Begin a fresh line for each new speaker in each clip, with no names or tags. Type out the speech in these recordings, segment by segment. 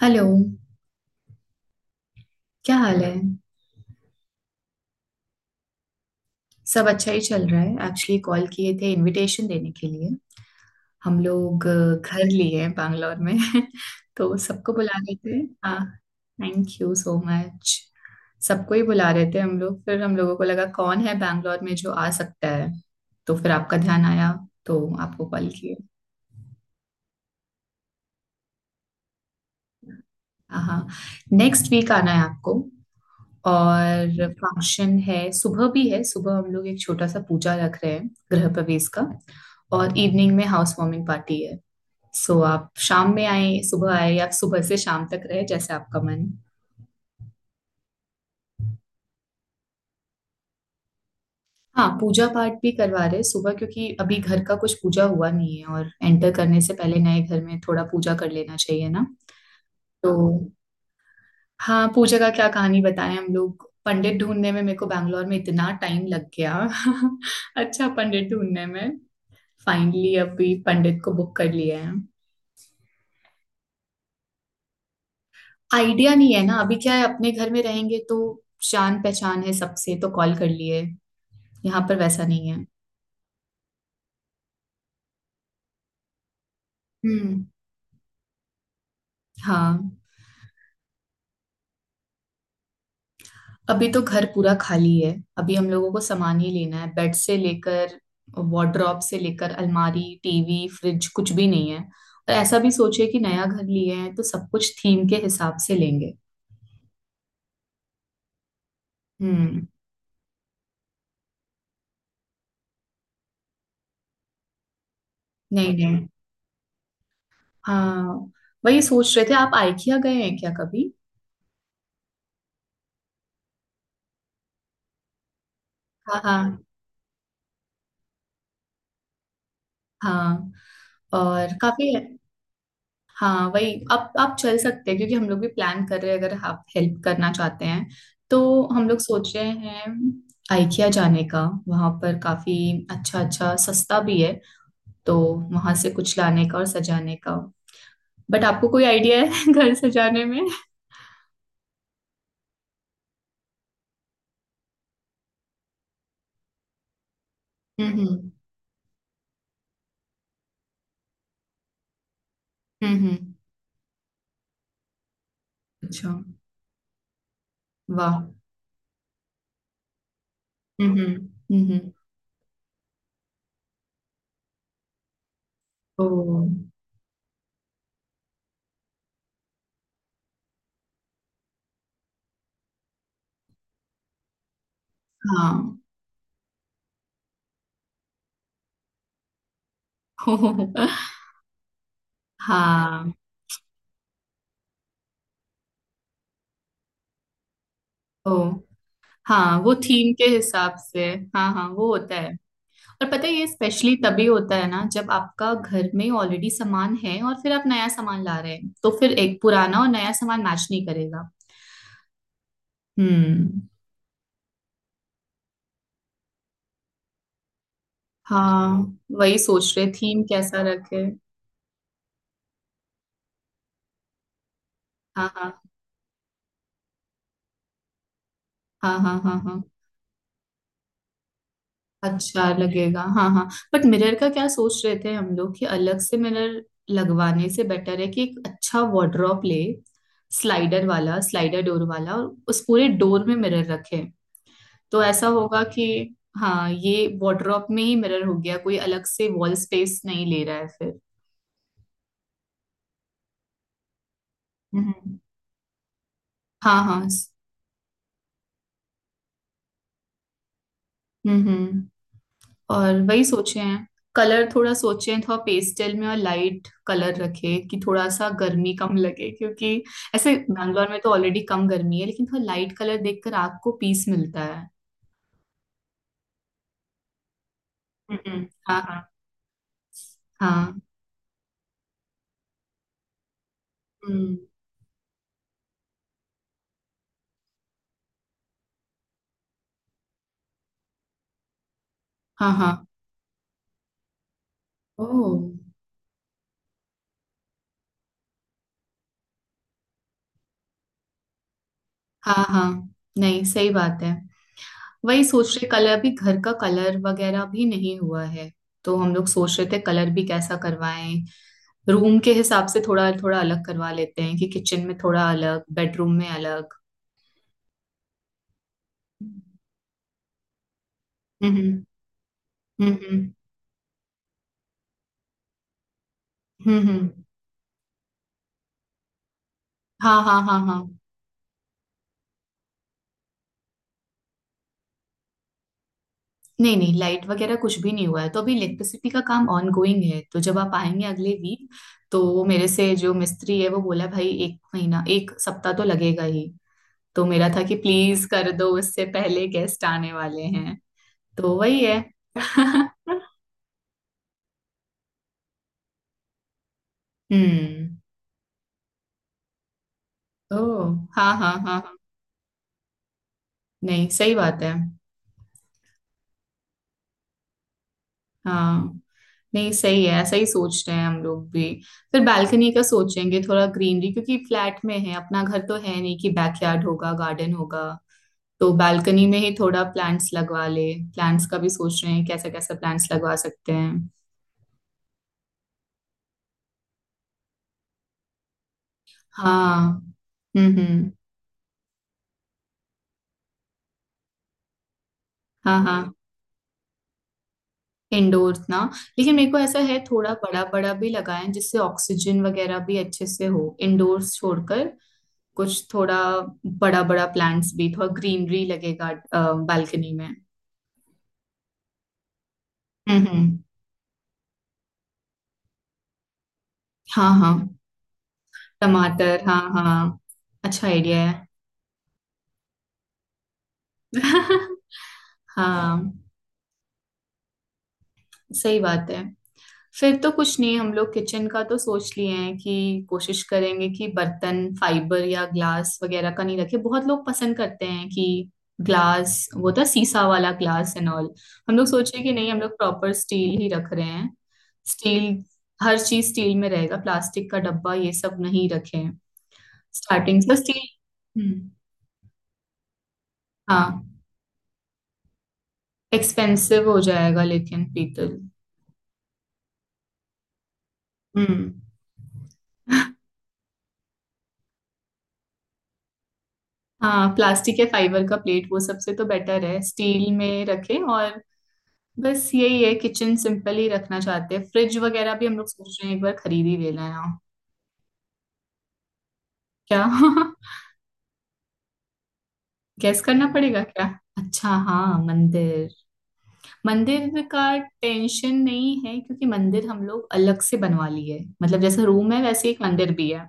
Hello. क्या हाल है? सब अच्छा ही चल रहा है। एक्चुअली कॉल किए थे इनविटेशन देने के लिए। हम लोग घर लिए हैं बैंगलोर में। तो सबको बुला रहे थे। हाँ, थैंक यू सो मच। सबको ही बुला रहे थे हम लोग, फिर हम लोगों को लगा कौन है बैंगलोर में जो आ सकता है, तो फिर आपका ध्यान आया, तो आपको कॉल किए। हाँ, नेक्स्ट वीक आना है आपको। और फंक्शन है, सुबह भी है। सुबह हम लोग एक छोटा सा पूजा रख रहे हैं गृह प्रवेश का, और इवनिंग में हाउस वार्मिंग पार्टी है। सो आप शाम में आए, सुबह आए, या सुबह से शाम तक रहे, जैसे आपका मन। हाँ, पूजा पाठ भी करवा रहे हैं सुबह, क्योंकि अभी घर का कुछ पूजा हुआ नहीं है और एंटर करने से पहले नए घर में थोड़ा पूजा कर लेना चाहिए ना। तो हाँ, पूजा का क्या कहानी बताएं, हम लोग पंडित ढूंढने में मेरे को बैंगलोर में इतना टाइम लग गया। अच्छा, पंडित ढूंढने में फाइनली अभी पंडित को बुक कर लिया है। आइडिया नहीं है ना। अभी क्या है, अपने घर में रहेंगे तो जान पहचान है सबसे, तो कॉल कर लिए। यहाँ पर वैसा नहीं है। हम्म। हाँ, अभी तो घर पूरा खाली है। अभी हम लोगों को सामान ही लेना है, बेड से लेकर, वार्डरोब से लेकर, अलमारी, टीवी, फ्रिज, कुछ भी नहीं है। और ऐसा भी सोचे कि नया घर लिए हैं तो सब कुछ थीम के हिसाब से लेंगे। हम्म। नहीं नहीं, हाँ, वही सोच रहे थे। आप आइकिया गए हैं क्या कभी? हाँ हाँ हाँ। और काफी। हाँ, वही। आप चल सकते हैं, क्योंकि हम लोग भी प्लान कर रहे हैं, अगर आप हेल्प करना चाहते हैं तो। हम लोग सोच रहे हैं आइकिया जाने का, वहां पर काफी अच्छा अच्छा सस्ता भी है। तो वहां से कुछ लाने का और सजाने का। बट आपको कोई आइडिया है घर सजाने में? हम्म। हम्म हम्म, अच्छा। वाह। हम्म। हम्म हम्म। ओ। हाँ। हाँ। ओ हाँ, वो थीम के हिसाब से। हाँ हाँ, वो होता है। और पता है, ये स्पेशली तभी होता है ना, जब आपका घर में ऑलरेडी सामान है और फिर आप नया सामान ला रहे हैं, तो फिर एक पुराना और नया सामान मैच नहीं करेगा। हम्म। हाँ, वही सोच रहे, थीम कैसा रखे। हाँ हाँ हाँ हाँ हाँ हाँ। अच्छा लगेगा, हाँ हाँ। बट मिरर का क्या सोच रहे थे हम लोग कि अलग से मिरर लगवाने से बेटर है कि एक अच्छा वार्डरोब ले, स्लाइडर वाला, स्लाइडर डोर वाला, और उस पूरे डोर में मिरर। तो हाँ, ऐसा होगा कि हाँ, ये वार्डरोब में ही मिरर हो गया, कोई अलग से वॉल स्पेस नहीं ले रहा है फिर। हम्म। हाँ हाँ। हम्म। और वही सोचे हैं, कलर थोड़ा सोचे हैं, थोड़ा पेस्टल में और लाइट कलर रखे कि थोड़ा सा गर्मी कम लगे, क्योंकि ऐसे बैंगलोर में तो ऑलरेडी कम गर्मी है, लेकिन थोड़ा लाइट कलर देखकर आग को पीस मिलता है। हम्म। हाँ हाँ हाँ। हम्म। हाँ हाँ। ओ, हाँ हाँ, नहीं सही बात है। वही सोच रहे, कलर अभी घर का कलर वगैरह भी नहीं हुआ है। तो हम लोग सोच रहे थे कलर भी कैसा करवाएं, रूम के हिसाब से थोड़ा थोड़ा अलग करवा लेते हैं, कि किचन में थोड़ा अलग, बेडरूम में अलग। हम्म हम्म। हम्म हम्म, हम्म। हाँ हाँ हाँ हाँ। नहीं नहीं, लाइट वगैरह कुछ भी नहीं हुआ है, तो अभी इलेक्ट्रिसिटी का काम ऑन गोइंग है। तो जब आप आएंगे अगले वीक, तो मेरे से जो मिस्त्री है वो बोला भाई 1 महीना 1 सप्ताह तो लगेगा ही। तो मेरा था कि प्लीज कर दो, उससे पहले गेस्ट आने वाले। तो वही है। हम्म। ओ, हाँ हाँ हाँ हाँ। नहीं सही बात है। हाँ, नहीं सही है, ऐसा ही सोचते हैं हम लोग भी। फिर बालकनी का सोचेंगे, थोड़ा ग्रीनरी, क्योंकि फ्लैट में है अपना घर, तो है नहीं कि बैकयार्ड होगा, गार्डन होगा। तो बालकनी में ही थोड़ा प्लांट्स लगवा ले। प्लांट्स का भी सोच रहे हैं, कैसा कैसा प्लांट्स लगवा सकते हैं। हाँ। हम्म। हाँ हाँ। इंडोर्स ना। लेकिन मेरे को ऐसा है, थोड़ा बड़ा बड़ा भी लगाएं, जिससे ऑक्सीजन वगैरह भी अच्छे से हो, इंडोर्स छोड़कर। कुछ थोड़ा बड़ा बड़ा प्लांट्स भी, थोड़ा ग्रीनरी लगेगा बालकनी में। हम्म हम्म, हाँ हाँ। टमाटर, हाँ हाँ, अच्छा आइडिया है। हाँ, सही बात है। फिर तो कुछ नहीं, हम लोग किचन का तो सोच लिए हैं, कि कोशिश करेंगे कि बर्तन फाइबर या ग्लास वगैरह का नहीं रखे, बहुत लोग पसंद करते हैं कि ग्लास, वो था शीशा वाला ग्लास एंड ऑल। हम लोग सोचे कि नहीं, हम लोग प्रॉपर स्टील ही रख रहे हैं। स्टील। हर चीज स्टील में रहेगा, प्लास्टिक का डब्बा ये सब नहीं रखे। स्टार्टिंग से स्टील। हम्म। हाँ, एक्सपेंसिव हो जाएगा लेकिन पीतल। हम्म। हाँ, प्लास्टिक या फाइबर का प्लेट वो सबसे, तो बेटर है स्टील में रखें। और बस यही है, किचन सिंपल ही रखना चाहते हैं। फ्रिज वगैरह भी हम लोग सोच रहे हैं, एक बार खरीद ही लेना है। क्या? गैस करना पड़ेगा क्या? अच्छा, हाँ मंदिर। मंदिर का टेंशन नहीं है, क्योंकि मंदिर हम लोग अलग से बनवा लिए, मतलब जैसा रूम है वैसे एक मंदिर भी है।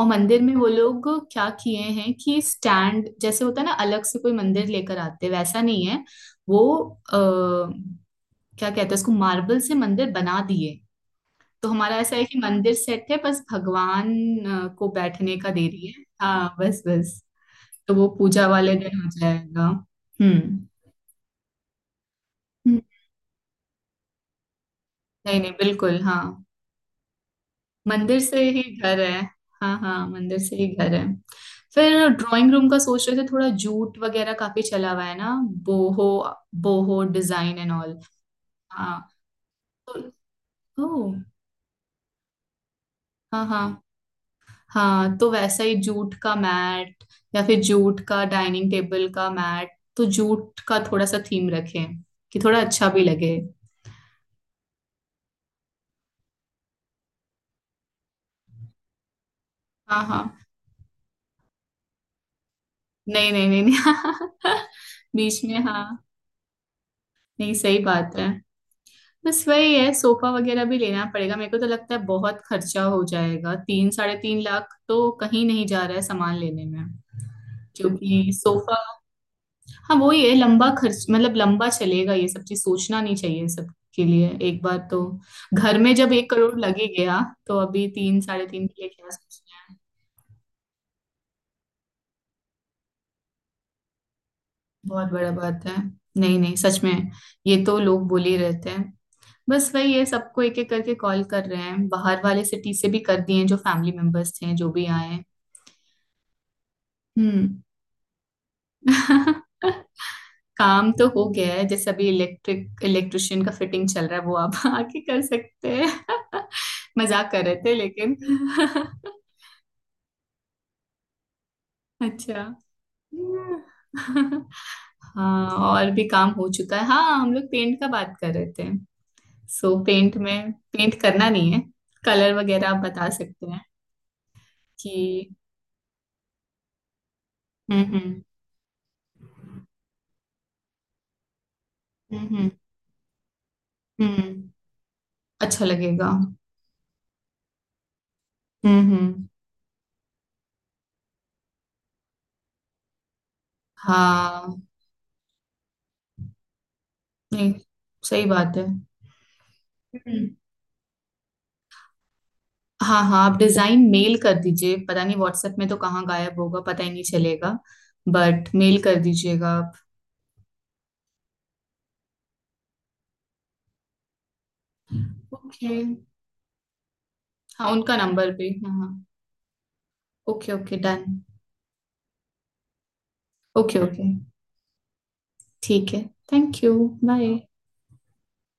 और मंदिर में वो लोग क्या किए हैं कि स्टैंड जैसे होता है ना, अलग से कोई मंदिर लेकर आते, वैसा नहीं है वो। आ, क्या कहते हैं उसको, मार्बल से मंदिर बना दिए। तो हमारा ऐसा है कि मंदिर सेट है, बस भगवान को बैठने का दे रही है, हाँ बस बस। तो वो पूजा वाले दिन हो जाएगा। हम्म। हम्म, नहीं नहीं बिल्कुल, हाँ। मंदिर से ही घर है। हाँ हाँ, मंदिर से ही घर है। फिर ड्राइंग रूम का सोच रहे थे थोड़ा जूट वगैरह, काफी चला हुआ है ना। Boho, boho design and all. हाँ, तो। ओ, हाँ हाँ हाँ। तो वैसा ही जूट का मैट, या फिर जूट का डाइनिंग टेबल का मैट। तो जूट का थोड़ा सा थीम रखें, कि थोड़ा अच्छा भी लगे। हाँ हाँ। नहीं नहीं नहीं नहीं। बीच में, हाँ। नहीं सही बात है। बस वही है, सोफा वगैरह भी लेना पड़ेगा। मेरे को तो लगता है बहुत खर्चा हो जाएगा, 3 साढ़े 3 लाख तो कहीं नहीं जा रहा है सामान लेने में। क्योंकि सोफा। हाँ, वो ही है, लंबा खर्च, मतलब लंबा चलेगा ये सब चीज, सोचना नहीं चाहिए इन सब के लिए एक बार तो। घर में जब 1 करोड़ लगे गया, तो अभी 3 साढ़े 3 के लिए क्या सोचना है। बहुत बड़ा बात है। नहीं नहीं, सच में। ये तो लोग बोल ही रहते हैं। बस वही है, सबको एक एक करके कॉल कर रहे हैं, बाहर वाले सिटी से भी कर दिए हैं, जो फैमिली मेंबर्स थे जो भी आए हैं। हम्म। काम तो हो गया है, जैसे अभी इलेक्ट्रिक इलेक्ट्रिशियन का फिटिंग चल रहा है, वो आप आके कर सकते हैं। मजाक कर रहे थे लेकिन। अच्छा। हम्म। हाँ, और भी काम हो चुका है। हाँ, हम लोग पेंट का बात कर रहे थे, सो पेंट में, पेंट करना नहीं है, कलर वगैरह आप बता सकते हैं कि। हम्म। हम्म हम्म हम्म, अच्छा लगेगा। हम्म। हाँ, नहीं सही बात है। हम्म। हाँ हाँ, आप डिजाइन मेल कर दीजिए, पता नहीं व्हाट्सएप में तो कहाँ गायब होगा, पता ही नहीं चलेगा, बट मेल कर दीजिएगा आप। ओके। हाँ, उनका नंबर भी, हाँ हाँ। Okay okay done. Okay okay, ठीक है। Thank you. बाय।